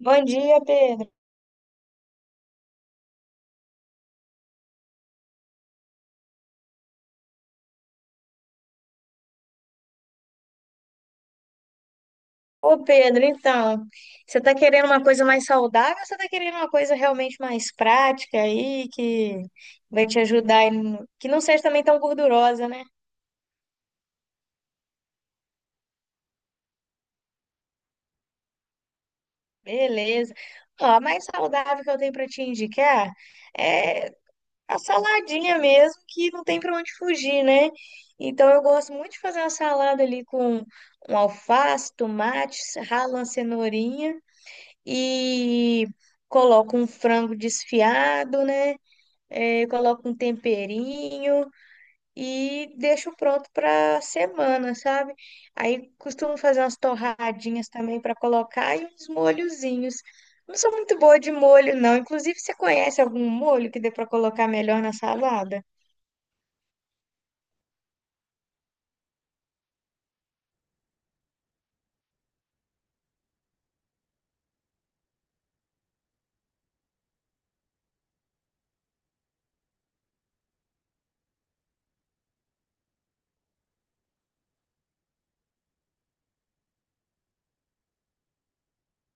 Bom dia, Pedro. Ô, Pedro, então, você tá querendo uma coisa mais saudável ou você tá querendo uma coisa realmente mais prática aí, que vai te ajudar, aí no- que não seja também tão gordurosa, né? Beleza. Ó, a mais saudável que eu tenho pra te indicar é a saladinha mesmo, que não tem pra onde fugir, né? Então, eu gosto muito de fazer uma salada ali com um alface, tomate, ralo uma cenourinha. E coloco um frango desfiado, né? É, coloco um temperinho e deixo pronto para semana, sabe? Aí costumo fazer umas torradinhas também para colocar e uns molhozinhos. Não sou muito boa de molho, não. Inclusive, você conhece algum molho que dê para colocar melhor na salada?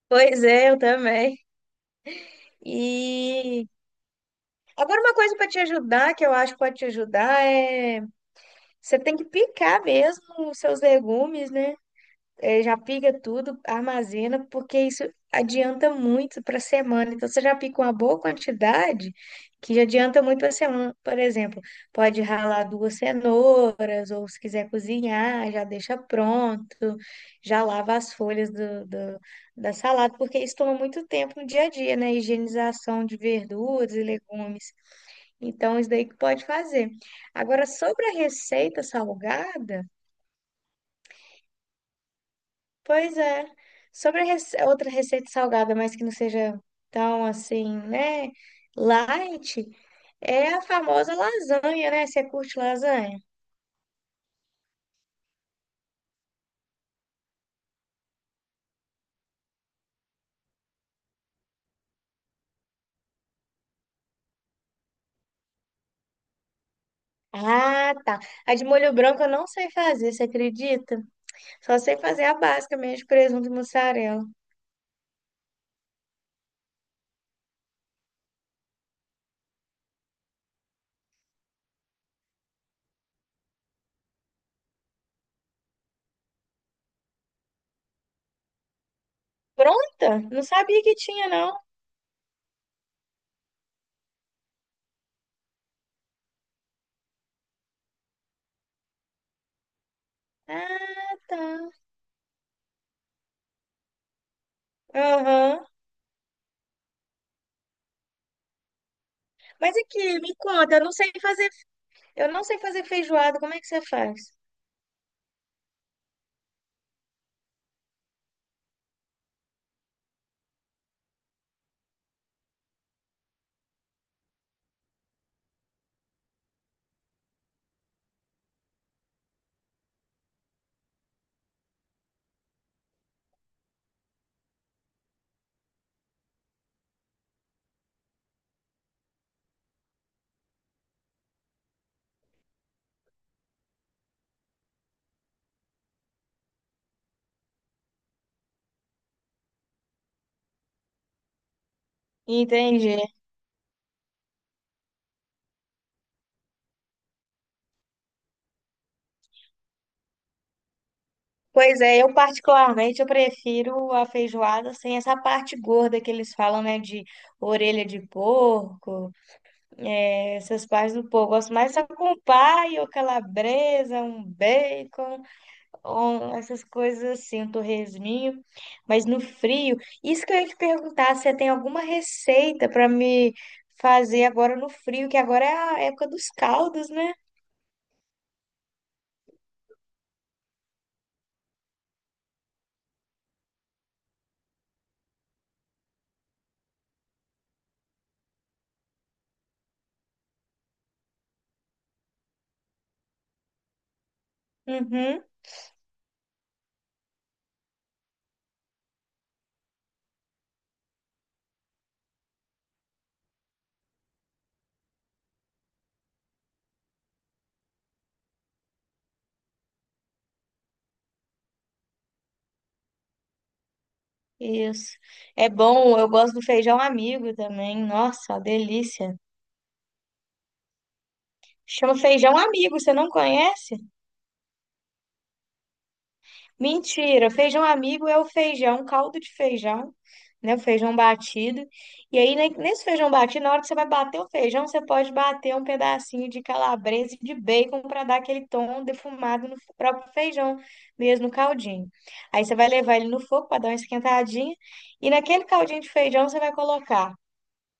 Pois é, eu também. E agora uma coisa para te ajudar, que eu acho que pode te ajudar, é você tem que picar mesmo os seus legumes, né? Já pica tudo, armazena, porque isso adianta muito para a semana. Então, você já pica uma boa quantidade, que já adianta muito para a semana. Por exemplo, pode ralar duas cenouras, ou se quiser cozinhar, já deixa pronto, já lava as folhas da salada, porque isso toma muito tempo no dia a dia, né? Higienização de verduras e legumes. Então, isso daí que pode fazer. Agora, sobre a receita salgada. Pois é. Sobre a outra receita salgada, mas que não seja tão assim, né? Light, é a famosa lasanha, né? Você curte lasanha? Ah, tá. A de molho branco eu não sei fazer, você acredita? Só sei fazer a básica mesmo, de presunto e mussarela. Pronta? Não sabia que tinha, não. Ah, tá. Aham. Mas aqui, me conta, eu não sei fazer, eu não sei fazer feijoada, como é que você faz? Entendi. Pois é, eu particularmente eu prefiro a feijoada sem essa parte gorda que eles falam, né, de orelha de porco, essas partes do porco. Gosto mais só com paio, calabresa, um bacon, essas coisas assim, um torresminho, mas no frio. Isso que eu ia te perguntar, se você tem alguma receita para me fazer agora no frio, que agora é a época dos caldos, né? Uhum. Isso. É bom, eu gosto do feijão amigo também. Nossa, uma delícia. Chama feijão amigo, você não conhece? Mentira, feijão amigo é o feijão, caldo de feijão, né? O feijão batido. E aí, nesse feijão batido, na hora que você vai bater o feijão, você pode bater um pedacinho de calabresa e de bacon para dar aquele tom defumado no próprio feijão, mesmo no caldinho. Aí você vai levar ele no fogo para dar uma esquentadinha. E naquele caldinho de feijão, você vai colocar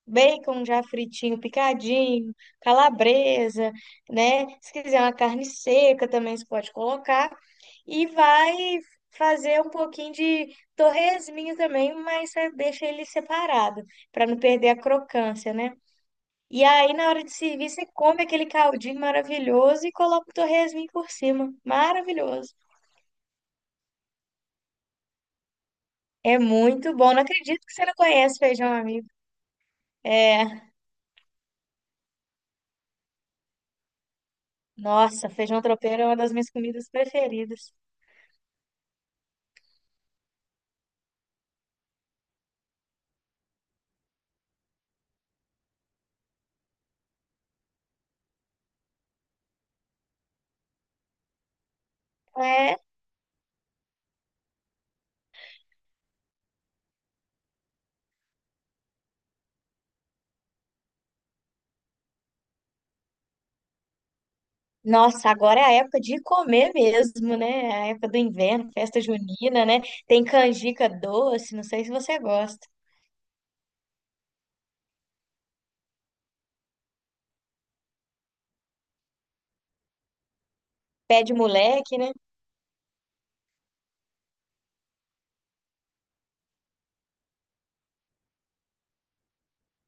bacon já fritinho, picadinho, calabresa, né? Se quiser uma carne seca também você pode colocar. E vai fazer um pouquinho de torresminho também, mas você deixa ele separado, para não perder a crocância, né? E aí, na hora de servir, você come aquele caldinho maravilhoso e coloca o torresminho por cima. Maravilhoso. É muito bom. Não acredito que você não conhece feijão, amigo. É, nossa, feijão tropeiro é uma das minhas comidas preferidas. É. Nossa, agora é a época de comer mesmo, né? A época do inverno, festa junina, né? Tem canjica doce, não sei se você gosta. Pé de moleque, né?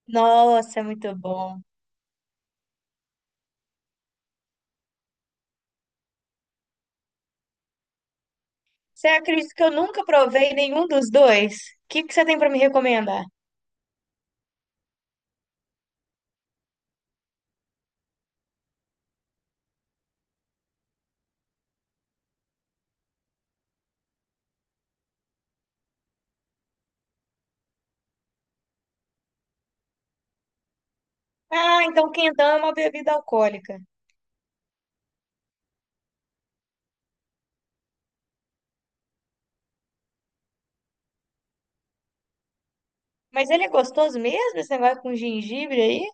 Nossa, muito bom. Você acredita que eu nunca provei nenhum dos dois? O que que você tem para me recomendar? Ah, então quentão é uma bebida alcoólica. Mas ele é gostoso mesmo, esse negócio com gengibre aí?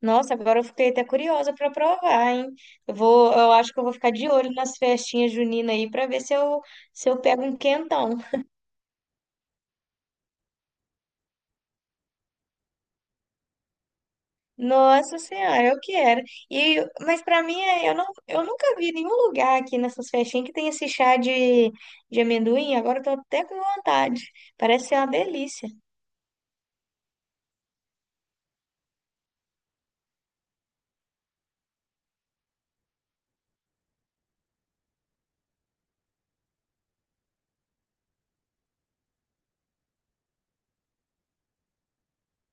Nossa, agora eu fiquei até curiosa para provar, hein? Eu vou, eu acho que eu vou ficar de olho nas festinhas juninas aí para ver se se eu pego um quentão. Nossa Senhora, eu quero. E, mas para mim, eu não, eu nunca vi nenhum lugar aqui nessas festinhas que tem esse chá de amendoim. Agora eu tô até com vontade. Parece ser uma delícia.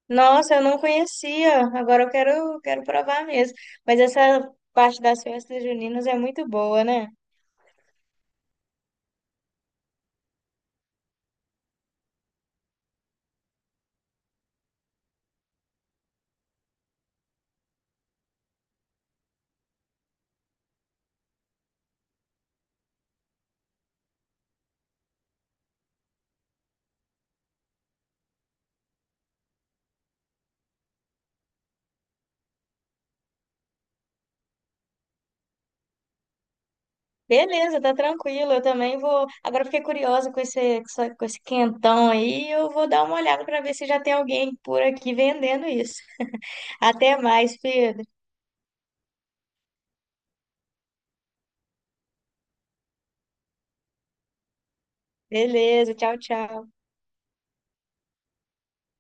Nossa, eu não conhecia. Agora eu quero, quero provar mesmo. Mas essa parte das festas juninas é muito boa, né? Beleza, tá tranquilo. Eu também vou. Agora eu fiquei curiosa com esse, com esse quentão aí. Eu vou dar uma olhada para ver se já tem alguém por aqui vendendo isso. Até mais, Pedro. Beleza, tchau, tchau.